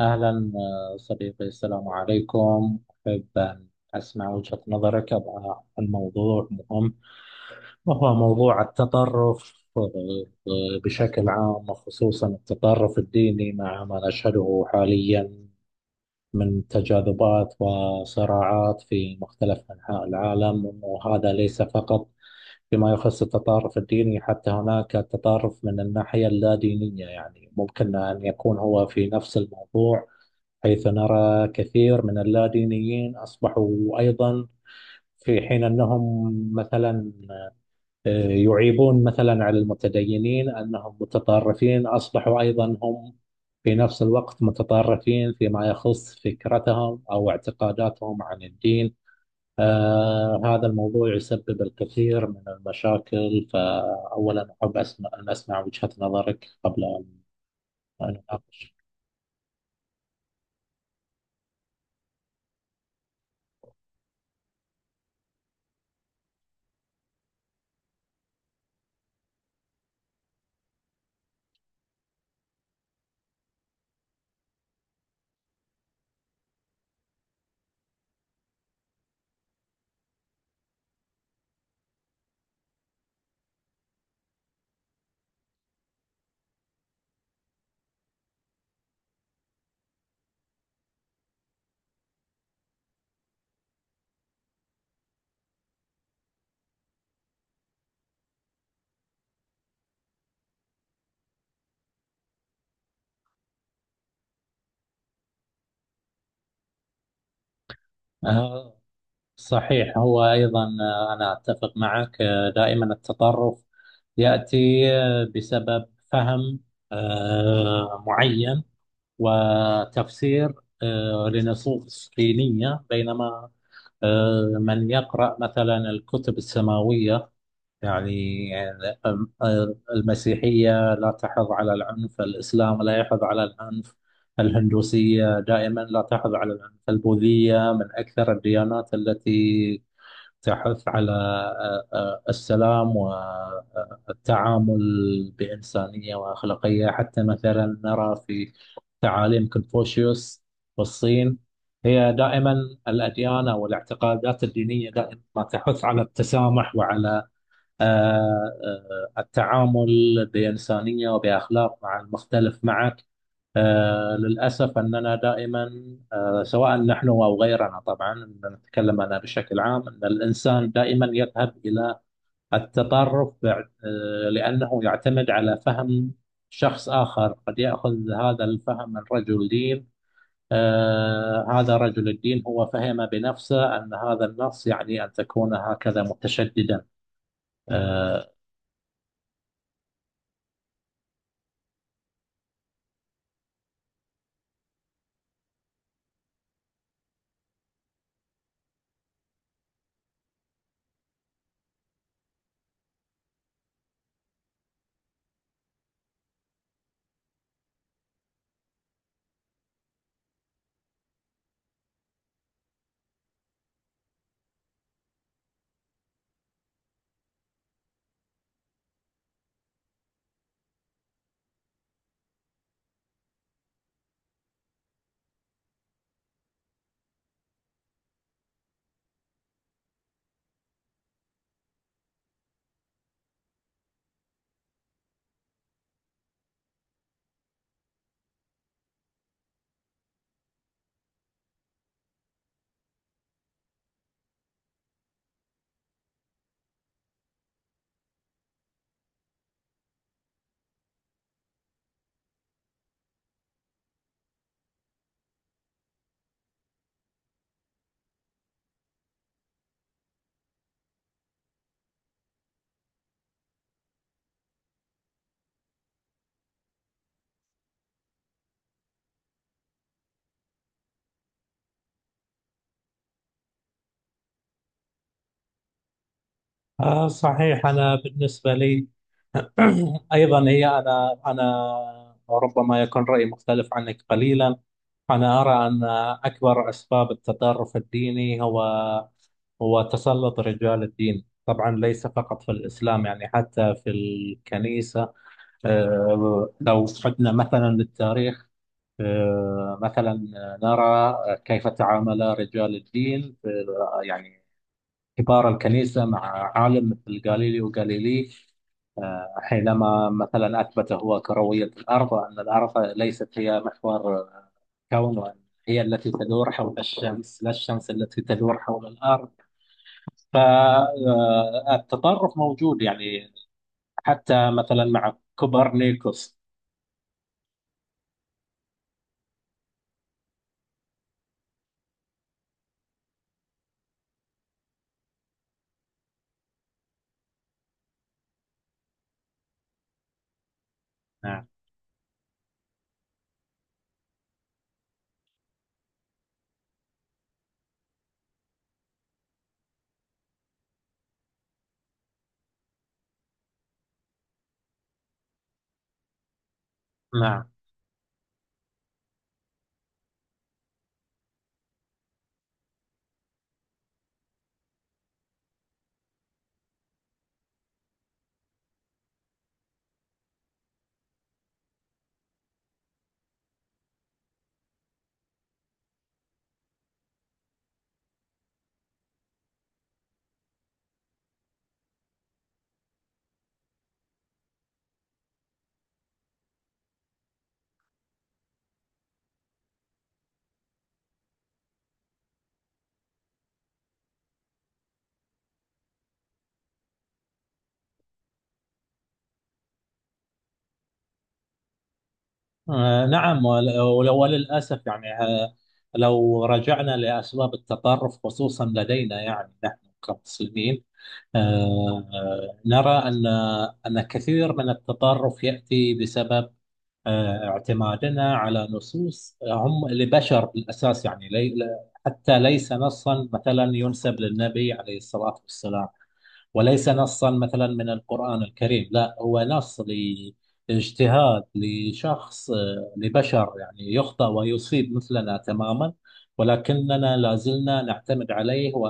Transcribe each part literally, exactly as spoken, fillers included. أهلا آه، صديقي، السلام عليكم. أحب أن أسمع وجهة نظرك عن الموضوع، مهم. وهو موضوع التطرف آه، آه، بشكل عام، وخصوصا التطرف الديني مع ما نشهده حاليا من تجاذبات وصراعات في مختلف أنحاء العالم. وهذا ليس فقط فيما يخص التطرف الديني، حتى هناك التطرف من الناحية اللا دينية، يعني ممكن أن يكون هو في نفس الموضوع، حيث نرى كثير من اللادينيين أصبحوا أيضا في حين أنهم مثلا آه، يعيبون مثلا على المتدينين أنهم متطرفين، أصبحوا أيضا هم في نفس الوقت متطرفين فيما يخص فكرتهم أو اعتقاداتهم عن الدين. آه هذا الموضوع يسبب الكثير من المشاكل. فأولا أحب أسمع أن أسمع وجهة نظرك قبل أن أن أناقش. آه صحيح، هو أيضا، آه، أنا أتفق معك. آه، دائما التطرف يأتي آه، بسبب فهم آه، معين، وتفسير آه، لنصوص دينية. بينما آه، من يقرأ مثلا الكتب السماوية، يعني آه، آه، المسيحية لا تحض على العنف، الإسلام لا يحض على العنف، الهندوسية دائما لا تحض على العنف، البوذية من أكثر الديانات التي تحث على آه، آه، السلام والتعامل بإنسانية وأخلاقية. حتى مثلا نرى في تعاليم كونفوشيوس والصين، هي دائما الأديان أو الاعتقادات الدينية دائما ما تحث على التسامح وعلى آه، آه، التعامل بإنسانية وبأخلاق مع المختلف معك. آه، للأسف أننا دائما، آه، سواء نحن أو غيرنا طبعا، إن نتكلم أنا بشكل عام، أن الإنسان دائما يذهب إلى التطرف بع- آه، لأنه يعتمد على فهم شخص آخر، قد يأخذ هذا الفهم من رجل دين. آه، هذا رجل الدين هو فهم بنفسه أن هذا النص يعني أن تكون هكذا متشددا. آه، آه صحيح، أنا بالنسبة لي أيضا هي، أنا أنا ربما يكون رأيي مختلف عنك قليلا. أنا أرى أن أكبر أسباب التطرف الديني هو هو تسلط رجال الدين، طبعا ليس فقط في الإسلام، يعني حتى في الكنيسة. آه، لو عدنا مثلا للتاريخ، آه، مثلا نرى كيف تعامل رجال الدين في- يعني كبار الكنيسة مع عالم مثل غاليليو غاليلي، حينما مثلا أثبت هو كروية الأرض، وأن الأرض ليست هي محور الكون، وأن هي التي تدور حول الشمس، لا الشمس التي تدور حول الأرض. فالتطرف موجود، يعني حتى مثلا مع كوبرنيكوس. نعم، نعم. آه، نعم، ول- ول- وللأسف، يعني آه، لو رجعنا لأسباب التطرف خصوصا لدينا، يعني نحن كمسلمين، آه، نرى أن أن كثير من التطرف يأتي بسبب آه، اعتمادنا على نصوص هم لبشر بالأساس، يعني لي لا- حتى ليس نصا مثلا ينسب للنبي عليه الصلاة والسلام، وليس نصا مثلا من القرآن الكريم. لا، هو نص لاجتهاد لشخص، آه، لبشر يعني يخطئ ويصيب مثلنا تماما. ولكننا لا زلنا نعتمد عليه و-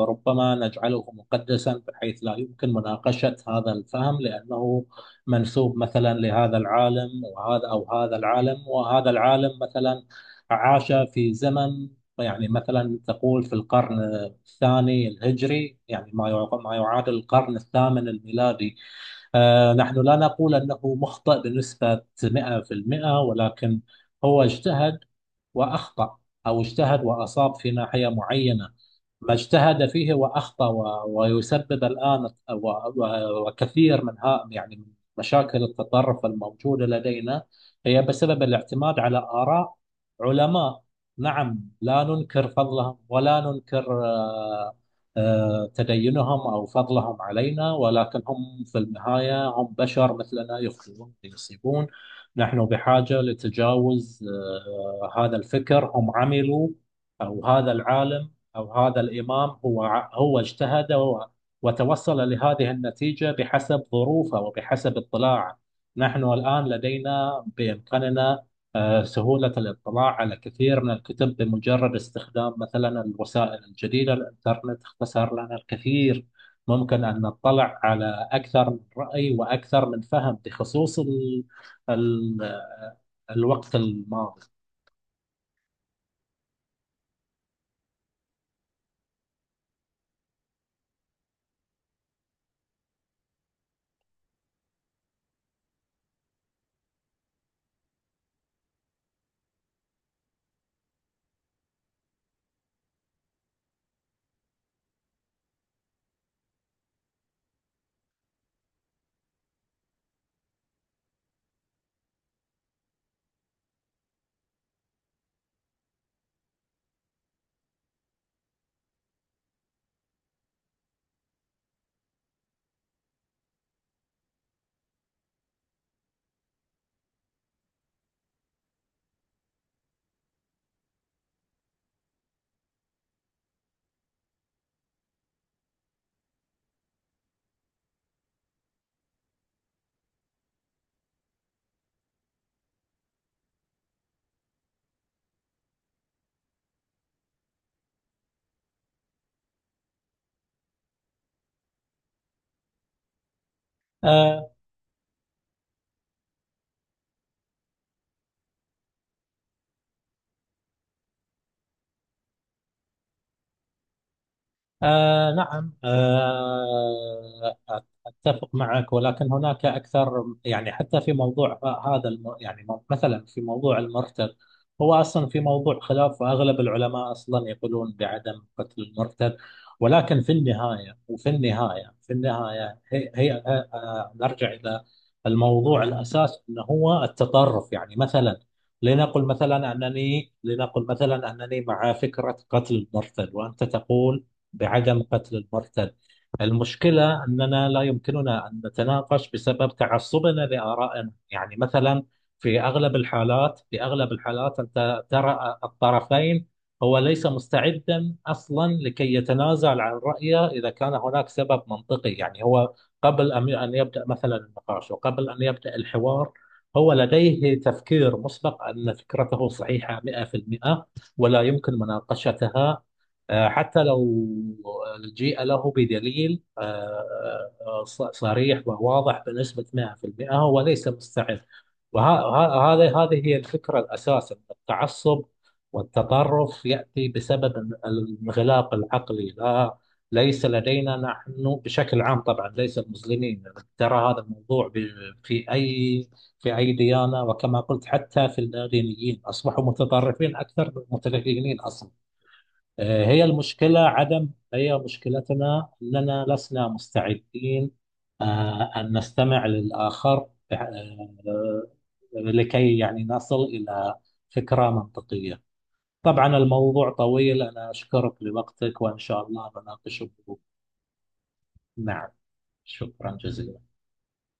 وربما نجعله مقدسا بحيث لا يمكن مناقشة هذا الفهم، لأنه منسوب مثلا لهذا العالم، وهذا أو هذا العالم. وهذا العالم مثلا عاش في زمن، يعني مثلا تقول في القرن الثاني الهجري، يعني ما يع- ما يعادل القرن الثامن الميلادي. آه، نحن لا نقول أنه مخطئ بنسبة مئة في المئة، ولكن هو اجتهد وأخطأ، أو اجتهد وأصاب في ناحية معينة. ما اجتهد فيه وأخطأ و- ويسبب الآن و- و- وكثير من ها، يعني من مشاكل التطرف الموجودة لدينا، هي بسبب الاعتماد على آراء علماء. نعم، لا ننكر فضلهم ولا ننكر آه، آه، تدينهم أو فضلهم علينا، ولكن هم في النهاية هم بشر مثلنا يخطئون ويصيبون. نحن بحاجة لتجاوز آه، هذا الفكر هم عملوا، أو هذا العالم أو هذا الإمام، هو هو اجتهد و- وتوصل لهذه النتيجة بحسب ظروفه وبحسب اطلاعه. نحن الآن لدينا بإمكاننا آه، سهولة الاطلاع على كثير من الكتب بمجرد استخدام مثلا الوسائل الجديدة. الإنترنت اختصر لنا الكثير، ممكن أن نطلع على أكثر من رأي وأكثر من فهم بخصوص ال ال الوقت الماضي. آه، آه نعم، آه أتفق معك. ولكن هناك أكثر، يعني حتى في موضوع ه- هذا الم يعني مو- مثلا في موضوع المرتد، هو أصلا في موضوع خلاف، وأغلب العلماء أصلا يقولون بعدم قتل المرتد. ولكن في النهاية وفي النهاية في النهاية هي, هي آه آه، نرجع إلى الموضوع الأساس، أنه هو التطرف. يعني مثلا، لنقل مثلا أنني لنقل مثلا أنني مع فكرة قتل المرتد، وأنت تقول بعدم قتل المرتد. المشكلة أننا لا يمكننا أن نتناقش بسبب تعصبنا لآرائنا. يعني مثلا، في أغلب الحالات في أغلب الحالات أنت ترى الطرفين، هو ليس مستعدا أصلا لكي يتنازل عن رأيه إذا كان هناك سبب منطقي. يعني هو قبل أن أن يبدأ مثلا النقاش، وقبل أن يبدأ الحوار، هو لديه تفكير مسبق أن فكرته صحيحة مئة في المئة، ولا يمكن مناقشتها. آه، حتى لو جيء له بدليل آه، آه، ص- صريح وواضح بنسبة مئة في المئة، هو ليس مستعد. وهذا هذه هي الفكرة الأساس، أن التعصب والتطرف يأتي بسبب ال- الانغلاق العقلي. لا، ليس لدينا نحن بشكل عام طبعا، ليس المسلمين، ترى هذا الموضوع ب- في أي، في أي ديانة. وكما قلت، حتى في الدينيين أصبحوا متطرفين أكثر من المتدينين أصلا. آه، هي المشكلة عدم، هي مشكلتنا أننا لسنا مستعدين آه، أن نستمع للآخر، آه، آه، لكي يعني نصل إلى فكرة منطقية. طبعا الموضوع طويل، أنا أشكرك لوقتك، وإن شاء الله بناقشه. نعم، شكرا جزيلا.